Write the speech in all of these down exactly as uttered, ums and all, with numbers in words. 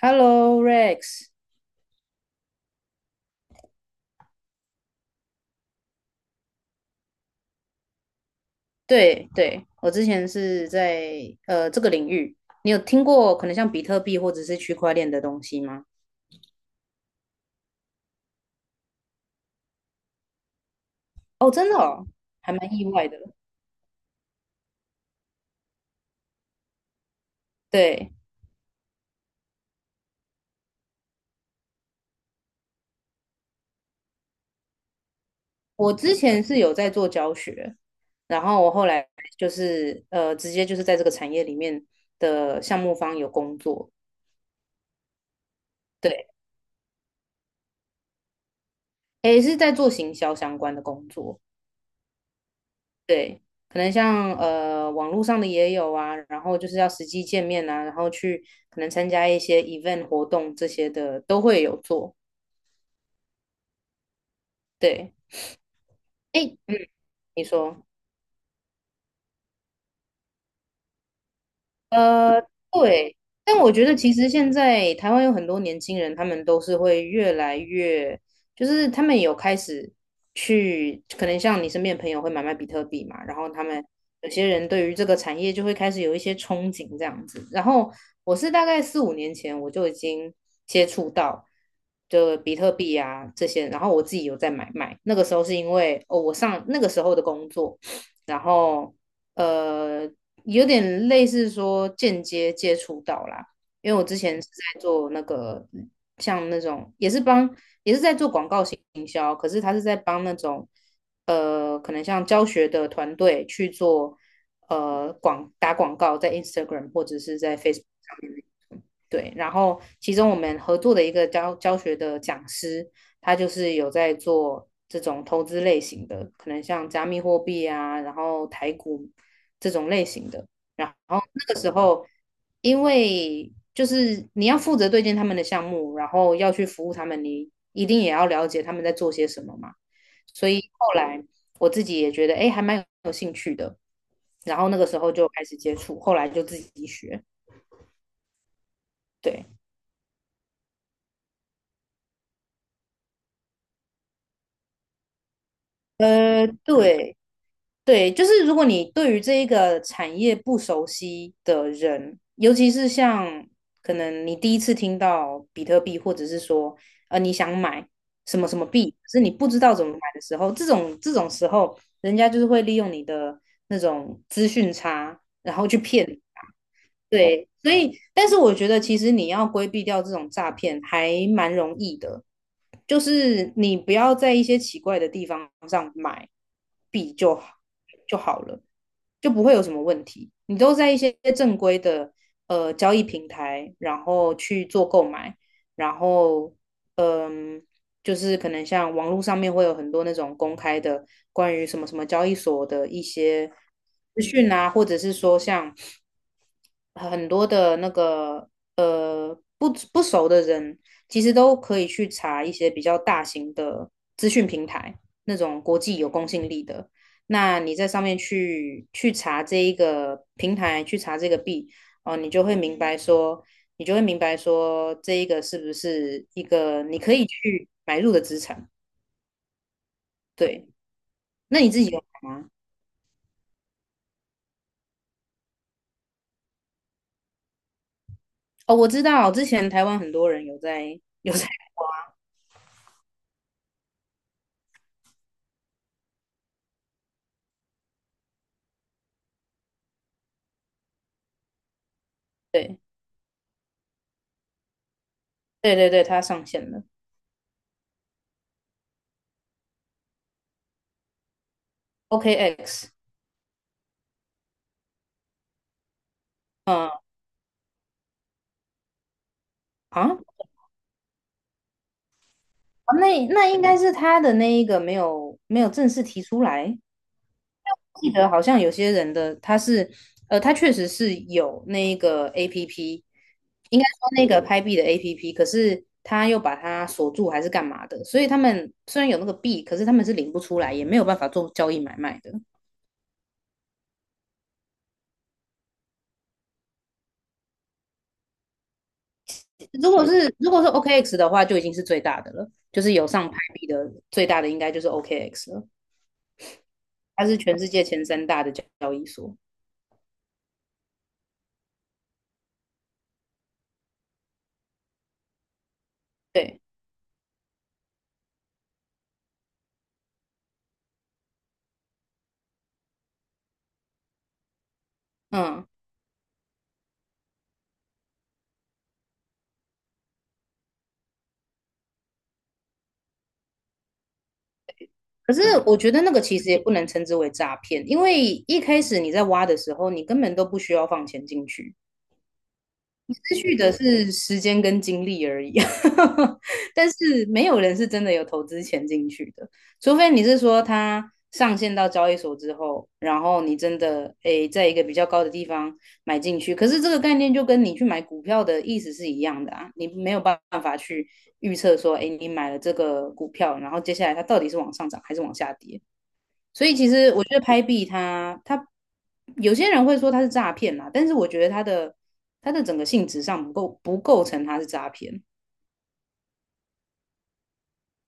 Hello Rex。对对，我之前是在呃这个领域，你有听过可能像比特币或者是区块链的东西吗？哦，真的哦，还蛮意外的。对，我之前是有在做教学，然后我后来就是呃直接就是在这个产业里面的项目方有工作。对，诶，是在做行销相关的工作。对，可能像呃网络上的也有啊，然后就是要实际见面啊，然后去可能参加一些 event 活动这些的都会有做。对，哎，嗯，你说。呃，对，但我觉得其实现在台湾有很多年轻人，他们都是会越来越，就是他们有开始去，可能像你身边的朋友会买卖比特币嘛，然后他们有些人对于这个产业就会开始有一些憧憬这样子。然后我是大概四五年前我就已经接触到就比特币啊这些，然后我自己有在买卖。那个时候是因为哦，我上那个时候的工作，然后。呃，有点类似说间接接触到啦，因为我之前是在做那个像那种也是帮也是在做广告营销，可是他是在帮那种呃可能像教学的团队去做呃广打广告在 Instagram 或者是在 Facebook上面。对，然后其中我们合作的一个教教学的讲师，他就是有在做这种投资类型的，可能像加密货币啊，然后台股这种类型的。然后之后，因为就是你要负责对接他们的项目，然后要去服务他们，你一定也要了解他们在做些什么嘛。所以后来我自己也觉得，哎，还蛮有兴趣的。然后那个时候就开始接触，后来就自己学。对，呃，对。对，就是如果你对于这一个产业不熟悉的人，尤其是像可能你第一次听到比特币，或者是说呃你想买什么什么币，可是你不知道怎么买的时候，这种这种时候，人家就是会利用你的那种资讯差，然后去骗你。对，所以，但是我觉得其实你要规避掉这种诈骗还蛮容易的，就是你不要在一些奇怪的地方上买币就好就好了，就不会有什么问题。你都在一些正规的呃交易平台，然后去做购买，然后嗯，就是可能像网络上面会有很多那种公开的关于什么什么交易所的一些资讯啊，或者是说像。很多的那个呃不不熟的人，其实都可以去查一些比较大型的资讯平台，那种国际有公信力的。那你在上面去去查这一个平台，去查这个币，哦，你就会明白说，你就会明白说，这一个是不是一个你可以去买入的资产？对，那你自己有买吗？哦，我知道，之前台湾很多人有在有在，对对对对，它上线了，O K X。嗯啊，啊那那应该是他的那一个没有没有正式提出来。记得好像有些人的他是，呃，他确实是有那一个 A P P，应该说那个拍币的 A P P，可是他又把它锁住还是干嘛的，所以他们虽然有那个币，可是他们是领不出来，也没有办法做交易买卖的。如果是如果是 O K X 的话，就已经是最大的了，就是有上拍币的最大的应该就是 O K X 了，它是全世界前三大的交易所。对，嗯。可是我觉得那个其实也不能称之为诈骗，因为一开始你在挖的时候，你根本都不需要放钱进去，失去的是时间跟精力而已。但是没有人是真的有投资钱进去的，除非你是说他上线到交易所之后，然后你真的诶在一个比较高的地方买进去。可是这个概念就跟你去买股票的意思是一样的啊，你没有办法去预测说，诶你买了这个股票，然后接下来它到底是往上涨还是往下跌。所以其实我觉得拍币它它有些人会说它是诈骗啦，但是我觉得它的它的整个性质上不构不构成它是诈骗。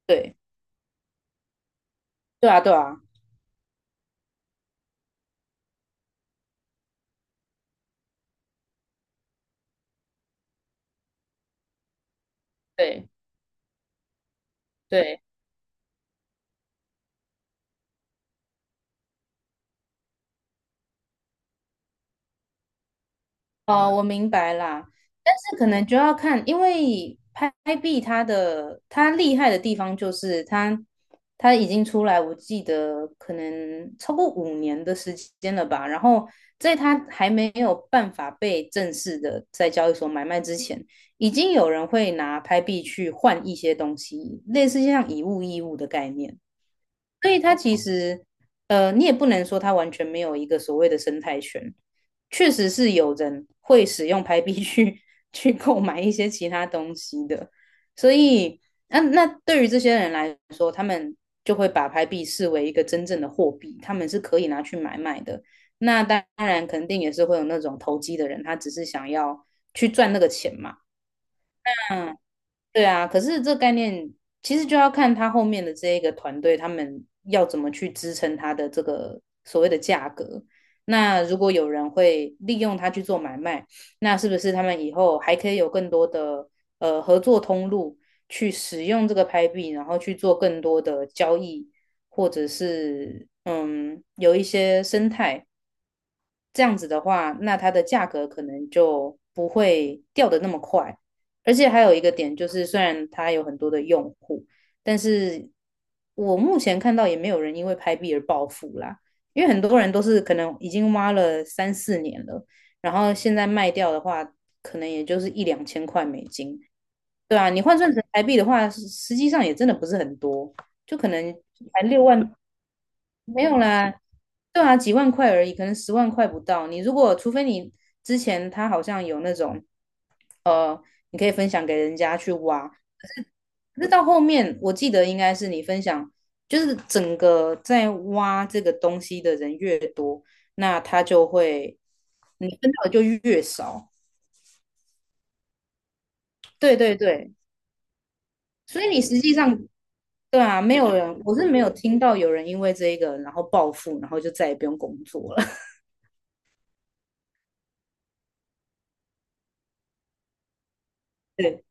对对啊，对啊，对对。哦，我明白啦，但是可能就要看，因为拍币它的它厉害的地方就是它它已经出来，我记得可能超过五年的时间了吧。然后在它还没有办法被正式的在交易所买卖之前，已经有人会拿拍币去换一些东西，类似像以物易物的概念。所以它其实，呃，你也不能说它完全没有一个所谓的生态圈，确实是有人会使用拍币去 去购买一些其他东西的，所以那、啊那对于这些人来说，他们就会把拍币视为一个真正的货币，他们是可以拿去买卖的。那当然，肯定也是会有那种投机的人，他只是想要去赚那个钱嘛。嗯。对啊，可是这个概念其实就要看他后面的这一个团队，他们要怎么去支撑他的这个所谓的价格。那如果有人会利用它去做买卖，那是不是他们以后还可以有更多的呃合作通路去使用这个拍币，然后去做更多的交易，或者是嗯有一些生态这样子的话，那它的价格可能就不会掉的那么快。而且还有一个点就是，虽然它有很多的用户，但是我目前看到也没有人因为拍币而暴富啦，因为很多人都是可能已经挖了三四年了，然后现在卖掉的话，可能也就是一两千块美金。对啊，你换算成台币的话，实实际上也真的不是很多，就可能才六万没有啦，对啊，几万块而已，可能十万块不到。你如果除非你之前他好像有那种，呃，你可以分享给人家去挖，可是到后面我记得应该是你分享，就是整个在挖这个东西的人越多，那他就会你分到的就越少。对对对，所以你实际上对啊，没有人，我是没有听到有人因为这一个然后暴富，然后就再也不用工作了。对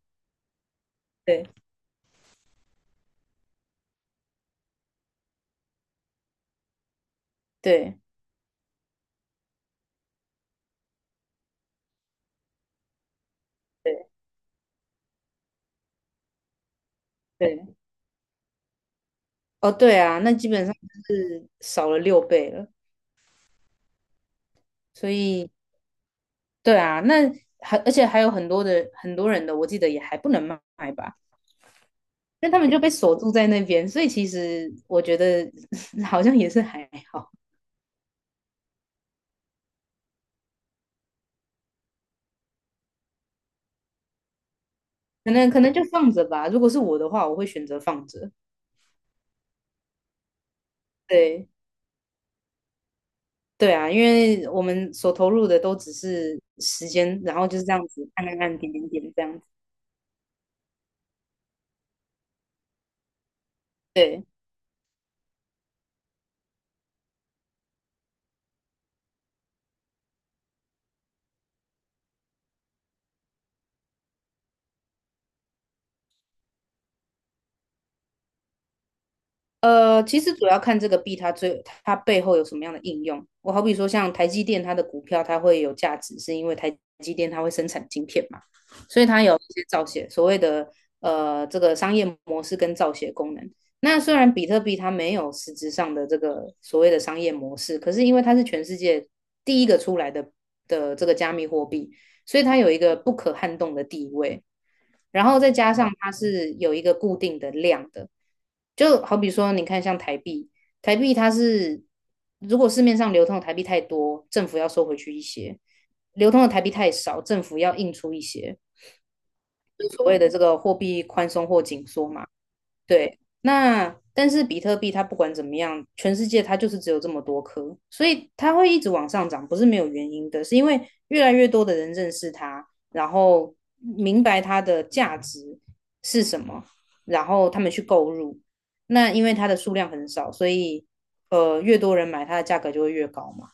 对对。对，哦，对啊，那基本上是少了六倍了，所以对啊，那还而且还有很多的很多人的，我记得也还不能卖吧，那他们就被锁住在那边，所以其实我觉得 好像也是还好，可能可能就放着吧。如果是我的话，我会选择放着。对对啊，因为我们所投入的都只是时间，然后就是这样子按按按点点点这样子。对。呃，其实主要看这个币它最它背后有什么样的应用。我好比说像台积电，它的股票它会有价值，是因为台积电它会生产晶片嘛，所以它有一些造血所谓的呃这个商业模式跟造血功能。那虽然比特币它没有实质上的这个所谓的商业模式，可是因为它是全世界第一个出来的的这个加密货币，所以它有一个不可撼动的地位。然后再加上它是有一个固定的量的，就好比说，你看像台币，台币它是如果市面上流通的台币太多，政府要收回去一些；流通的台币太少，政府要印出一些。所谓的这个货币宽松或紧缩嘛。对，那但是比特币它不管怎么样，全世界它就是只有这么多颗，所以它会一直往上涨，不是没有原因的，是因为越来越多的人认识它，然后明白它的价值是什么，然后他们去购入。那因为它的数量很少，所以呃，越多人买，它的价格就会越高嘛。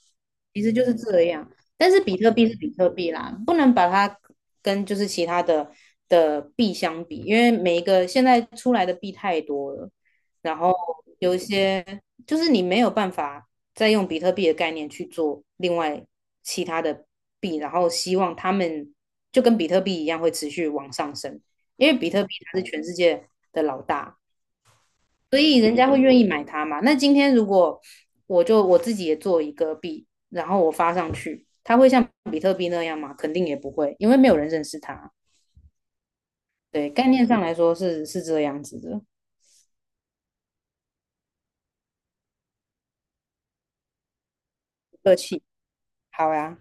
其实就是这样。但是比特币是比特币啦，不能把它跟就是其他的的币相比，因为每一个现在出来的币太多了，然后有一些就是你没有办法再用比特币的概念去做另外其他的币，然后希望他们就跟比特币一样会持续往上升，因为比特币它是全世界的老大。所以人家会愿意买它嘛。那今天如果我就我自己也做一个币，然后我发上去，它会像比特币那样吗？肯定也不会，因为没有人认识它。对，概念上来说是是这样子的。不客气，好呀，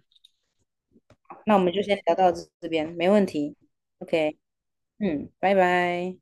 那我们就先聊到这这边，没问题。OK，嗯，拜拜。